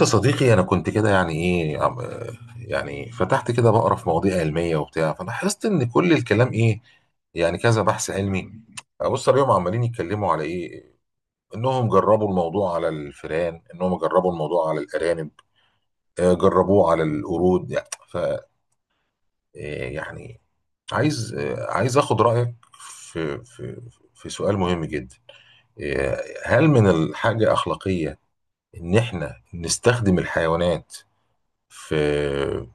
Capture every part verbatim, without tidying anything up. يا صديقي، أنا كنت كده يعني إيه عم- يعني فتحت كده بقرا في مواضيع علمية وبتاع، فلاحظت إن كل الكلام إيه يعني كذا بحث علمي. أبص عليهم عمالين يتكلموا على إيه، إنهم جربوا الموضوع على الفئران، إنهم جربوا الموضوع على الأرانب، آه، جربوه على القرود يعني ف آه، يعني عايز، آه، عايز آخد رأيك في في في سؤال مهم جدا. آه، هل من الحاجة أخلاقية إن إحنا نستخدم الحيوانات في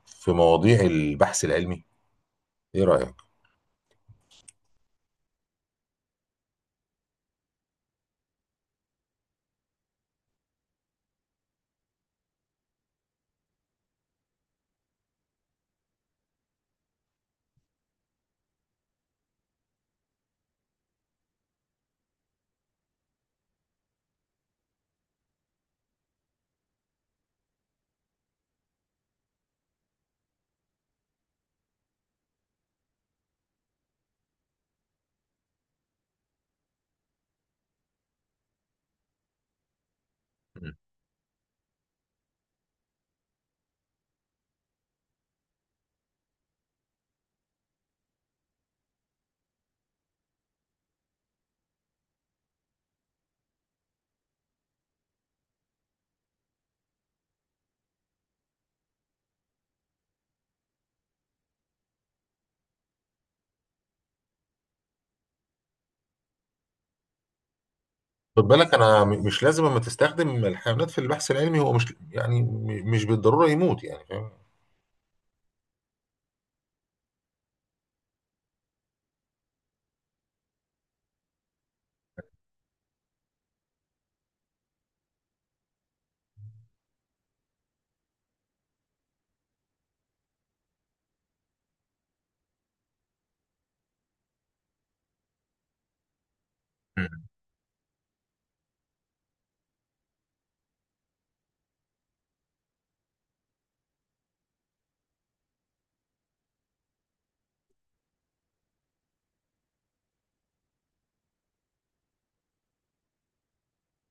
في مواضيع البحث العلمي؟ ايه رأيك؟ مم. خد بالك انا م- مش لازم اما تستخدم الحيوانات في البحث العلمي هو مش يعني م- مش بالضرورة يموت، يعني فاهم؟ مم.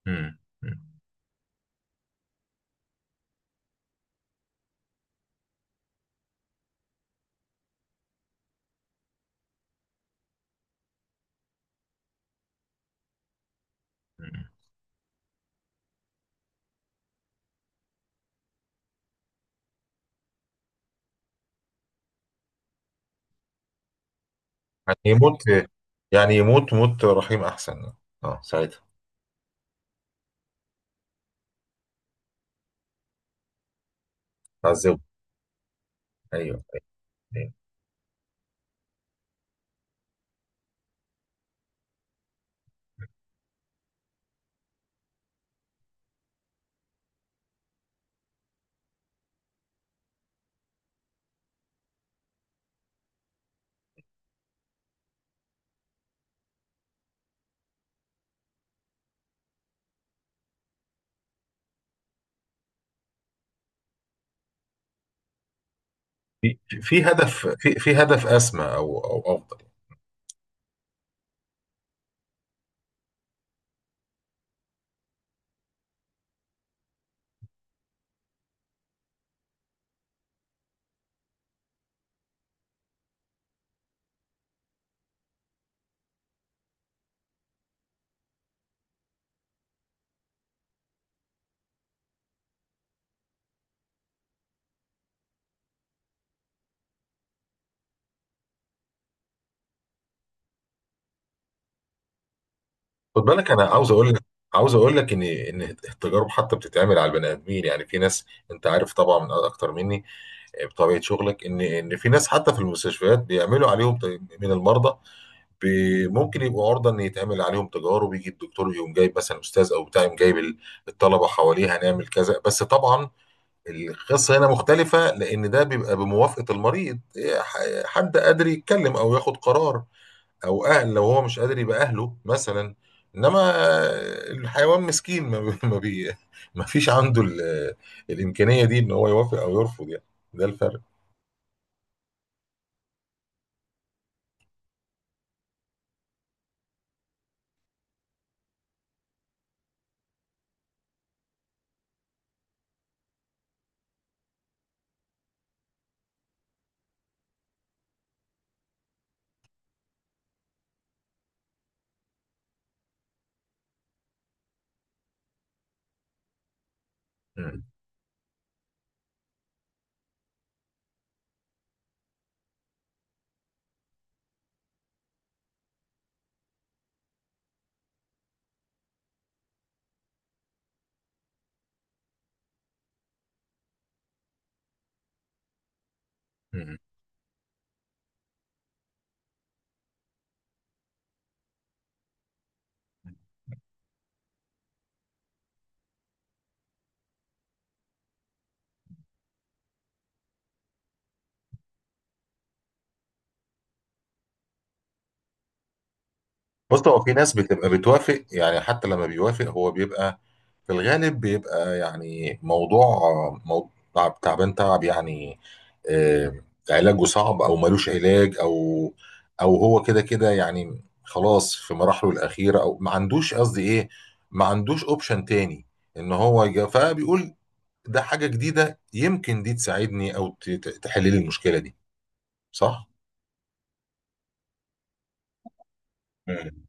مم. مم. مم. يعني يموت، يعني يموت موت رحيم احسن، اه ساعتها. تعذبه. ايوه. في في هدف، في في هدف اسمى، او او افضل. خد بالك، انا عاوز اقول لك، عاوز اقول لك ان ان التجارب حتى بتتعمل على البني ادمين. يعني في ناس، انت عارف طبعا من اكتر مني بطبيعه شغلك، ان ان في ناس حتى في المستشفيات بيعملوا عليهم ت- من المرضى بي- ممكن يبقوا عرضه ان يتعمل عليهم تجارب. يجي الدكتور يقوم جايب مثلا استاذ او بتاع، يقوم جايب ال- الطلبه حواليه هنعمل كذا. بس طبعا القصه هنا مختلفه لان ده بيبقى بموافقه المريض. إيه، ح- حد قادر يتكلم او ياخد قرار، او اهل لو هو مش قادر يبقى اهله مثلا. انما الحيوان مسكين، ما بي ما بي- ما فيش عنده ال- الامكانيه دي ان هو يوافق او يرفض، يعني. ده الفرق. مم. مم. بص، هو في ناس بتبقى بتوافق. يعني حتى لما بيوافق هو بيبقى في الغالب بيبقى يعني موضوع، موضوع تعب- تعبان تعب يعني. آه، علاجه صعب او ملوش علاج، او او هو كده كده يعني خلاص في مراحله الاخيره، او ما عندوش، قصدي ايه، ما عندوش اوبشن تاني ان هو يجا- فبيقول ده حاجه جديده يمكن دي تساعدني او ت- ت- تحل لي المشكله دي، صح؟ امم.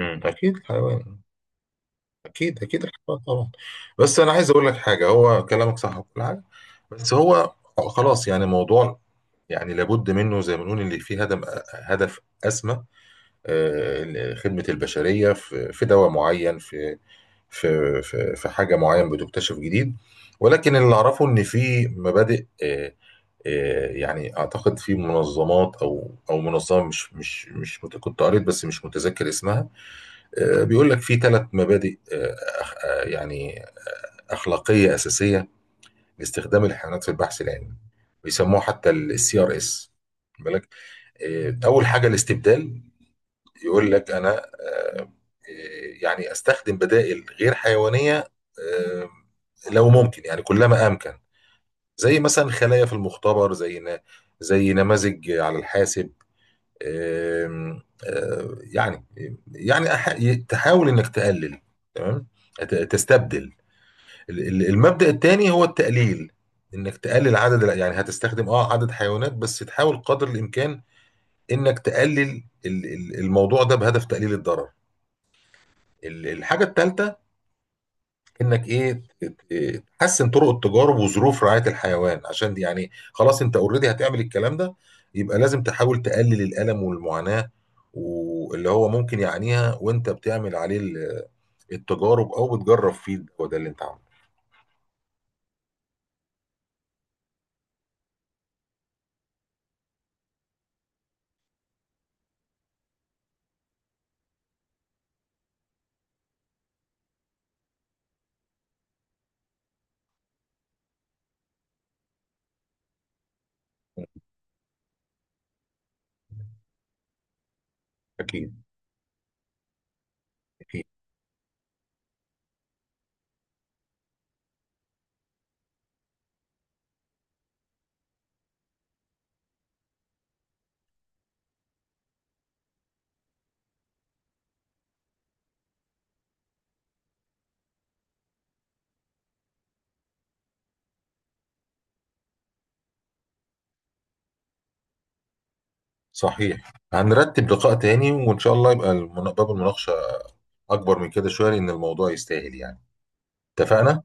امم، اكيد الحيوان. اكيد اكيد الحوار طبعا. بس انا عايز اقول لك حاجه، هو كلامك صح وكل حاجه، بس هو خلاص يعني موضوع، يعني لابد منه زي ما بنقول اللي فيه هدف، هدف اسمى. آه، خدمه البشريه في في دواء معين، في في في في حاجه معين بتكتشف جديد. ولكن اللي اعرفه ان في مبادئ، آه، آه، يعني اعتقد في منظمات او او منظمه مش مش مش مت- كنت قريت بس مش متذكر اسمها. آه، بيقول لك في ثلاث مبادئ آه، أخ- آه، يعني أخلاقية أساسية لاستخدام الحيوانات في البحث العلمي، بيسموها حتى السي ار اس، بالك. إيه، أول حاجة الاستبدال. يقول لك أنا، آه، إيه، يعني أستخدم بدائل غير حيوانية، آه، لو ممكن يعني كلما أمكن، زي مثلا خلايا في المختبر، زي نا- زي نماذج على الحاسب. آم، آه، يعني يعني أح- تحاول إنك تقلل، تمام، ت- تستبدل. ال- ال- المبدأ الثاني هو التقليل، انك تقلل عدد الع- يعني هتستخدم اه عدد حيوانات بس تحاول قدر الامكان انك تقلل ال- ال- الموضوع ده بهدف تقليل الضرر. ال- الحاجة الثالثة انك ايه ت- ت- تحسن طرق التجارب وظروف رعاية الحيوان، عشان دي يعني خلاص انت اوريدي هتعمل الكلام ده، يبقى لازم تحاول تقلل الألم والمعاناة واللي هو ممكن يعانيها وانت بتعمل عليه ال- التجارب او بتجرب فيه الدواء ده اللي انت عامله. اكيد اكيد. صحيح، هنرتب لقاء تاني وإن شاء الله يبقى المنا- باب المناقشة أكبر من كده شوية لأن الموضوع يستاهل يعني. اتفقنا؟